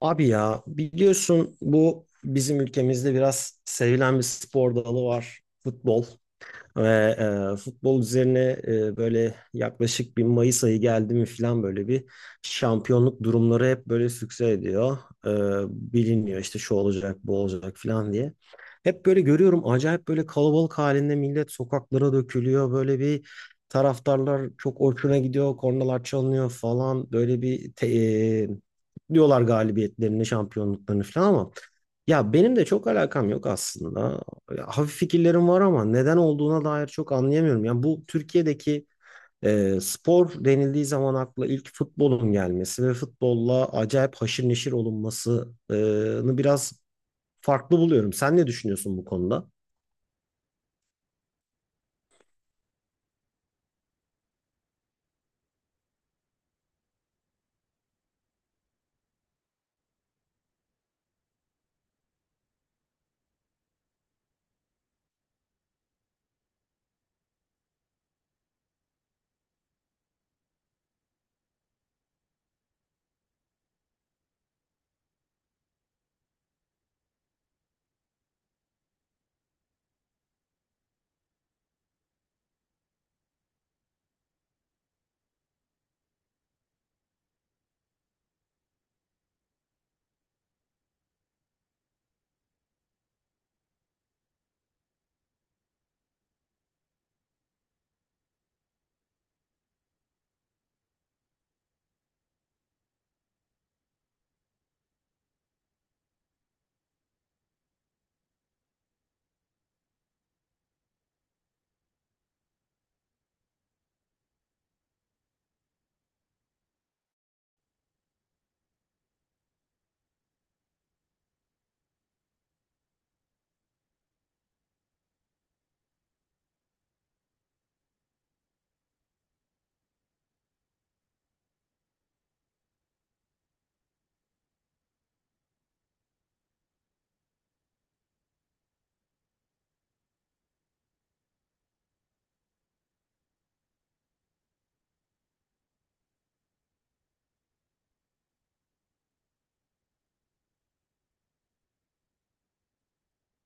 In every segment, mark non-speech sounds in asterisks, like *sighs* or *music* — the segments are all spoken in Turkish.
Abi ya biliyorsun bu bizim ülkemizde biraz sevilen bir spor dalı var. Futbol. Ve futbol üzerine böyle yaklaşık bir Mayıs ayı geldi mi falan böyle bir şampiyonluk durumları hep böyle sükse ediyor. E, biliniyor işte şu olacak bu olacak falan diye. Hep böyle görüyorum acayip böyle kalabalık halinde millet sokaklara dökülüyor. Böyle bir taraftarlar çok hoşuna gidiyor. Kornalar çalınıyor falan. Böyle bir te- e, diyorlar galibiyetlerini, şampiyonluklarını falan ama ya benim de çok alakam yok aslında. Hafif fikirlerim var ama neden olduğuna dair çok anlayamıyorum. Yani bu Türkiye'deki spor denildiği zaman akla ilk futbolun gelmesi ve futbolla acayip haşır neşir olunmasını biraz farklı buluyorum. Sen ne düşünüyorsun bu konuda?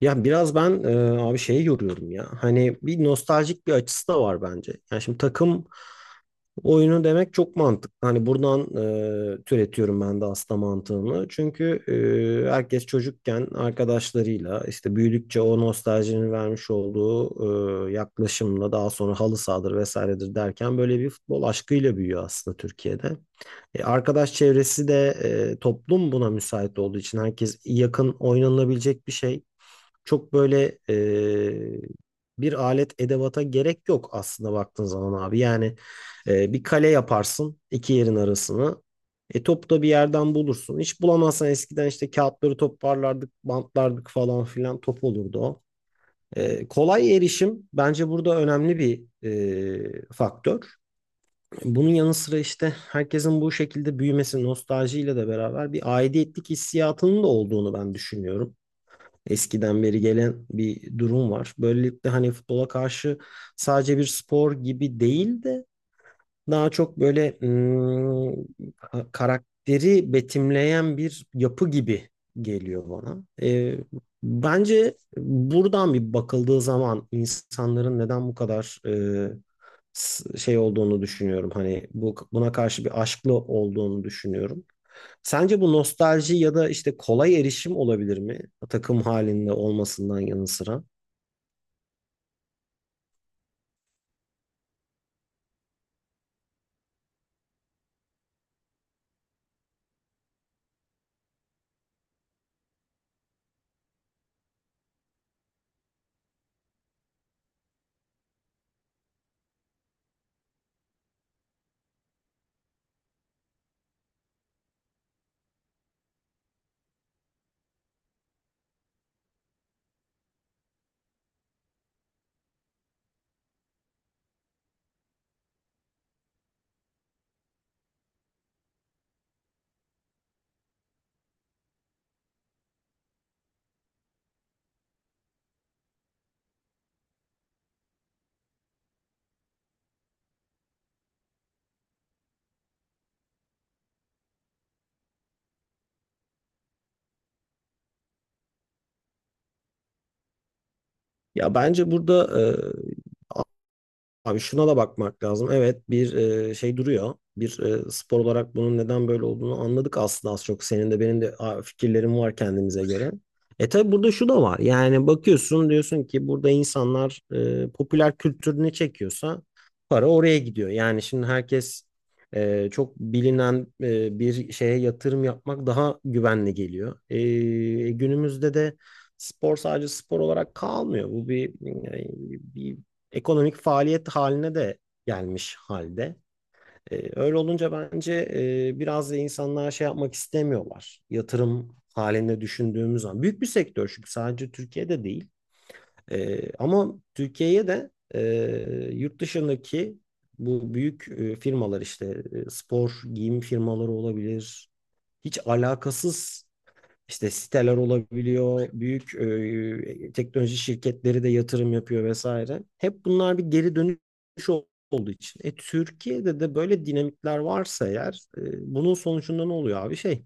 Ya biraz ben abi şeyi yoruyorum ya. Hani bir nostaljik bir açısı da var bence. Yani şimdi takım oyunu demek çok mantıklı. Hani buradan türetiyorum ben de aslında mantığını. Çünkü herkes çocukken arkadaşlarıyla işte büyüdükçe o nostaljinin vermiş olduğu yaklaşımla daha sonra halı sahadır vesairedir derken böyle bir futbol aşkıyla büyüyor aslında Türkiye'de. Arkadaş çevresi de toplum buna müsait olduğu için herkes yakın oynanabilecek bir şey çok böyle bir alet edevata gerek yok aslında baktığın zaman abi. Yani bir kale yaparsın iki yerin arasını. E topu da bir yerden bulursun. Hiç bulamazsan eskiden işte kağıtları toparlardık, bantlardık falan filan top olurdu o. Kolay erişim bence burada önemli bir faktör. Bunun yanı sıra işte herkesin bu şekilde büyümesi nostaljiyle de beraber bir aidiyetlik hissiyatının da olduğunu ben düşünüyorum, eskiden beri gelen bir durum var. Böylelikle hani futbola karşı sadece bir spor gibi değil de daha çok böyle karakteri betimleyen bir yapı gibi geliyor bana. Bence buradan bir bakıldığı zaman insanların neden bu kadar şey olduğunu düşünüyorum. Hani bu buna karşı bir aşklı olduğunu düşünüyorum. Sence bu nostalji ya da işte kolay erişim olabilir mi? Takım halinde olmasından yanı sıra. Ya bence burada abi şuna da bakmak lazım. Evet bir şey duruyor. Bir spor olarak bunun neden böyle olduğunu anladık aslında az çok. Senin de benim de fikirlerim var kendimize göre. E tabi burada şu da var. Yani bakıyorsun diyorsun ki burada insanlar popüler kültür ne çekiyorsa para oraya gidiyor. Yani şimdi herkes çok bilinen bir şeye yatırım yapmak daha güvenli geliyor. Günümüzde de spor sadece spor olarak kalmıyor. Bu bir ekonomik faaliyet haline de gelmiş halde. Öyle olunca bence biraz da insanlar şey yapmak istemiyorlar. Yatırım halinde düşündüğümüz zaman. Büyük bir sektör çünkü sadece Türkiye'de değil. Ama Türkiye'ye de yurt dışındaki bu büyük firmalar işte spor giyim firmaları olabilir. Hiç alakasız işte siteler olabiliyor, büyük teknoloji şirketleri de yatırım yapıyor vesaire. Hep bunlar bir geri dönüş ol- olduğu için. Türkiye'de de böyle dinamikler varsa eğer, bunun sonucunda ne oluyor abi? Şey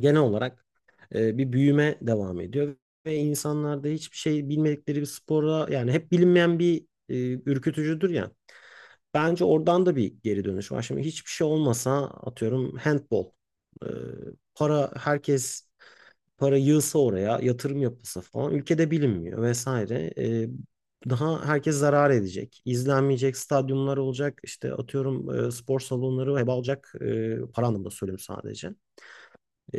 genel olarak bir büyüme devam ediyor ve insanlarda hiçbir şey bilmedikleri bir spora yani hep bilinmeyen bir ürkütücüdür ya. Bence oradan da bir geri dönüş var. Şimdi hiçbir şey olmasa atıyorum handball. e, para, herkes para yığsa oraya, yatırım yapılsa falan ülkede bilinmiyor vesaire. Daha herkes zarar edecek. İzlenmeyecek stadyumlar olacak. İşte atıyorum spor salonları heba olacak. E, para anlamında söylüyorum sadece. E,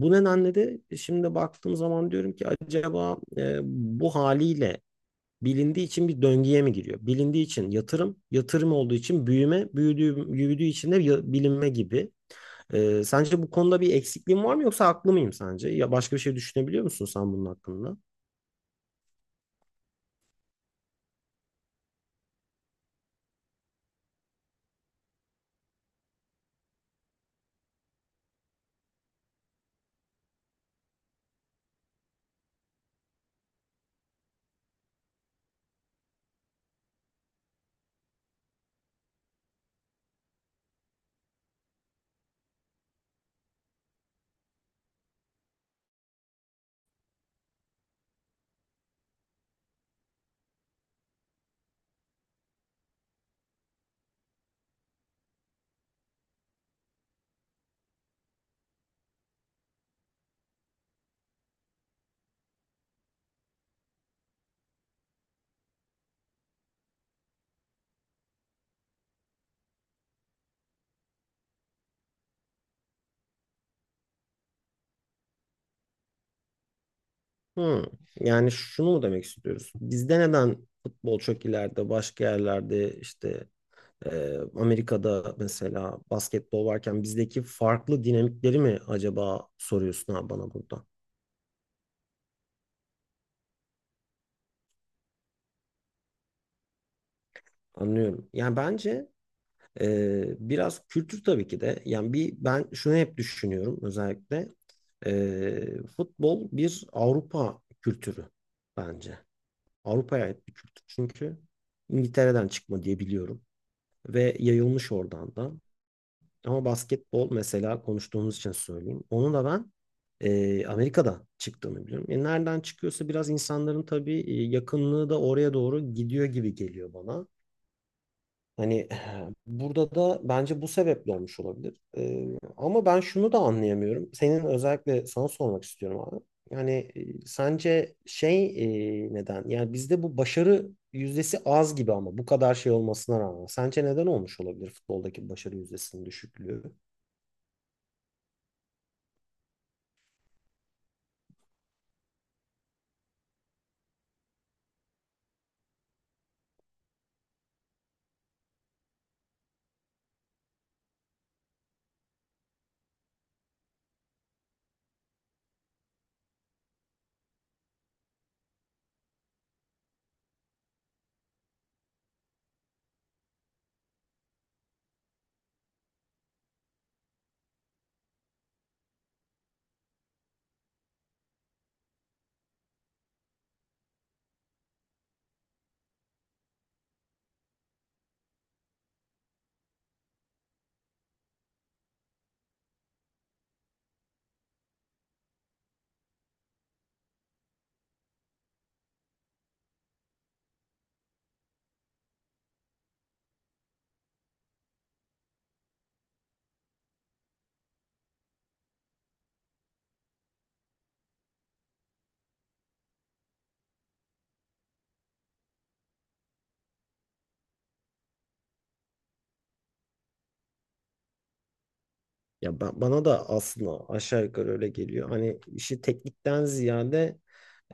bu nedenle de şimdi baktığım zaman diyorum ki acaba bu haliyle bilindiği için bir döngüye mi giriyor? Bilindiği için yatırım, yatırım olduğu için büyüme, büyüdüğü için de bilinme gibi. Sence bu konuda bir eksikliğim var mı yoksa haklı mıyım sence? Ya başka bir şey düşünebiliyor musun sen bunun hakkında? Hmm. Yani şunu mu demek istiyoruz? Bizde neden futbol çok ileride, başka yerlerde işte Amerika'da mesela basketbol varken bizdeki farklı dinamikleri mi acaba soruyorsun ha bana burada? Anlıyorum. Yani bence biraz kültür tabii ki de. Yani bir ben şunu hep düşünüyorum özellikle. Ee, futbol bir Avrupa kültürü bence. Avrupa'ya ait bir kültür. Çünkü İngiltere'den çıkma diye biliyorum. Ve yayılmış oradan da. Ama basketbol mesela konuştuğumuz için söyleyeyim. Onu da ben Amerika'da çıktığını biliyorum. Nereden çıkıyorsa biraz insanların tabii yakınlığı da oraya doğru gidiyor gibi geliyor bana. Hani *sighs* burada da bence bu sebeple olmuş olabilir. Ama ben şunu da anlayamıyorum. Senin özellikle sana sormak istiyorum abi. Yani sence neden? Yani bizde bu başarı yüzdesi az gibi ama bu kadar şey olmasına rağmen. Sence neden olmuş olabilir futboldaki başarı yüzdesinin düşüklüğü? Bana da aslında aşağı yukarı öyle geliyor. Hani işi teknikten ziyade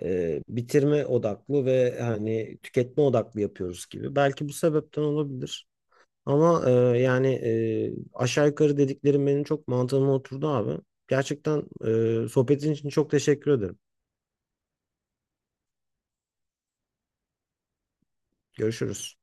bitirme odaklı ve hani tüketme odaklı yapıyoruz gibi. Belki bu sebepten olabilir. Ama aşağı yukarı dediklerim benim çok mantığıma oturdu abi. Gerçekten sohbetin için çok teşekkür ederim. Görüşürüz.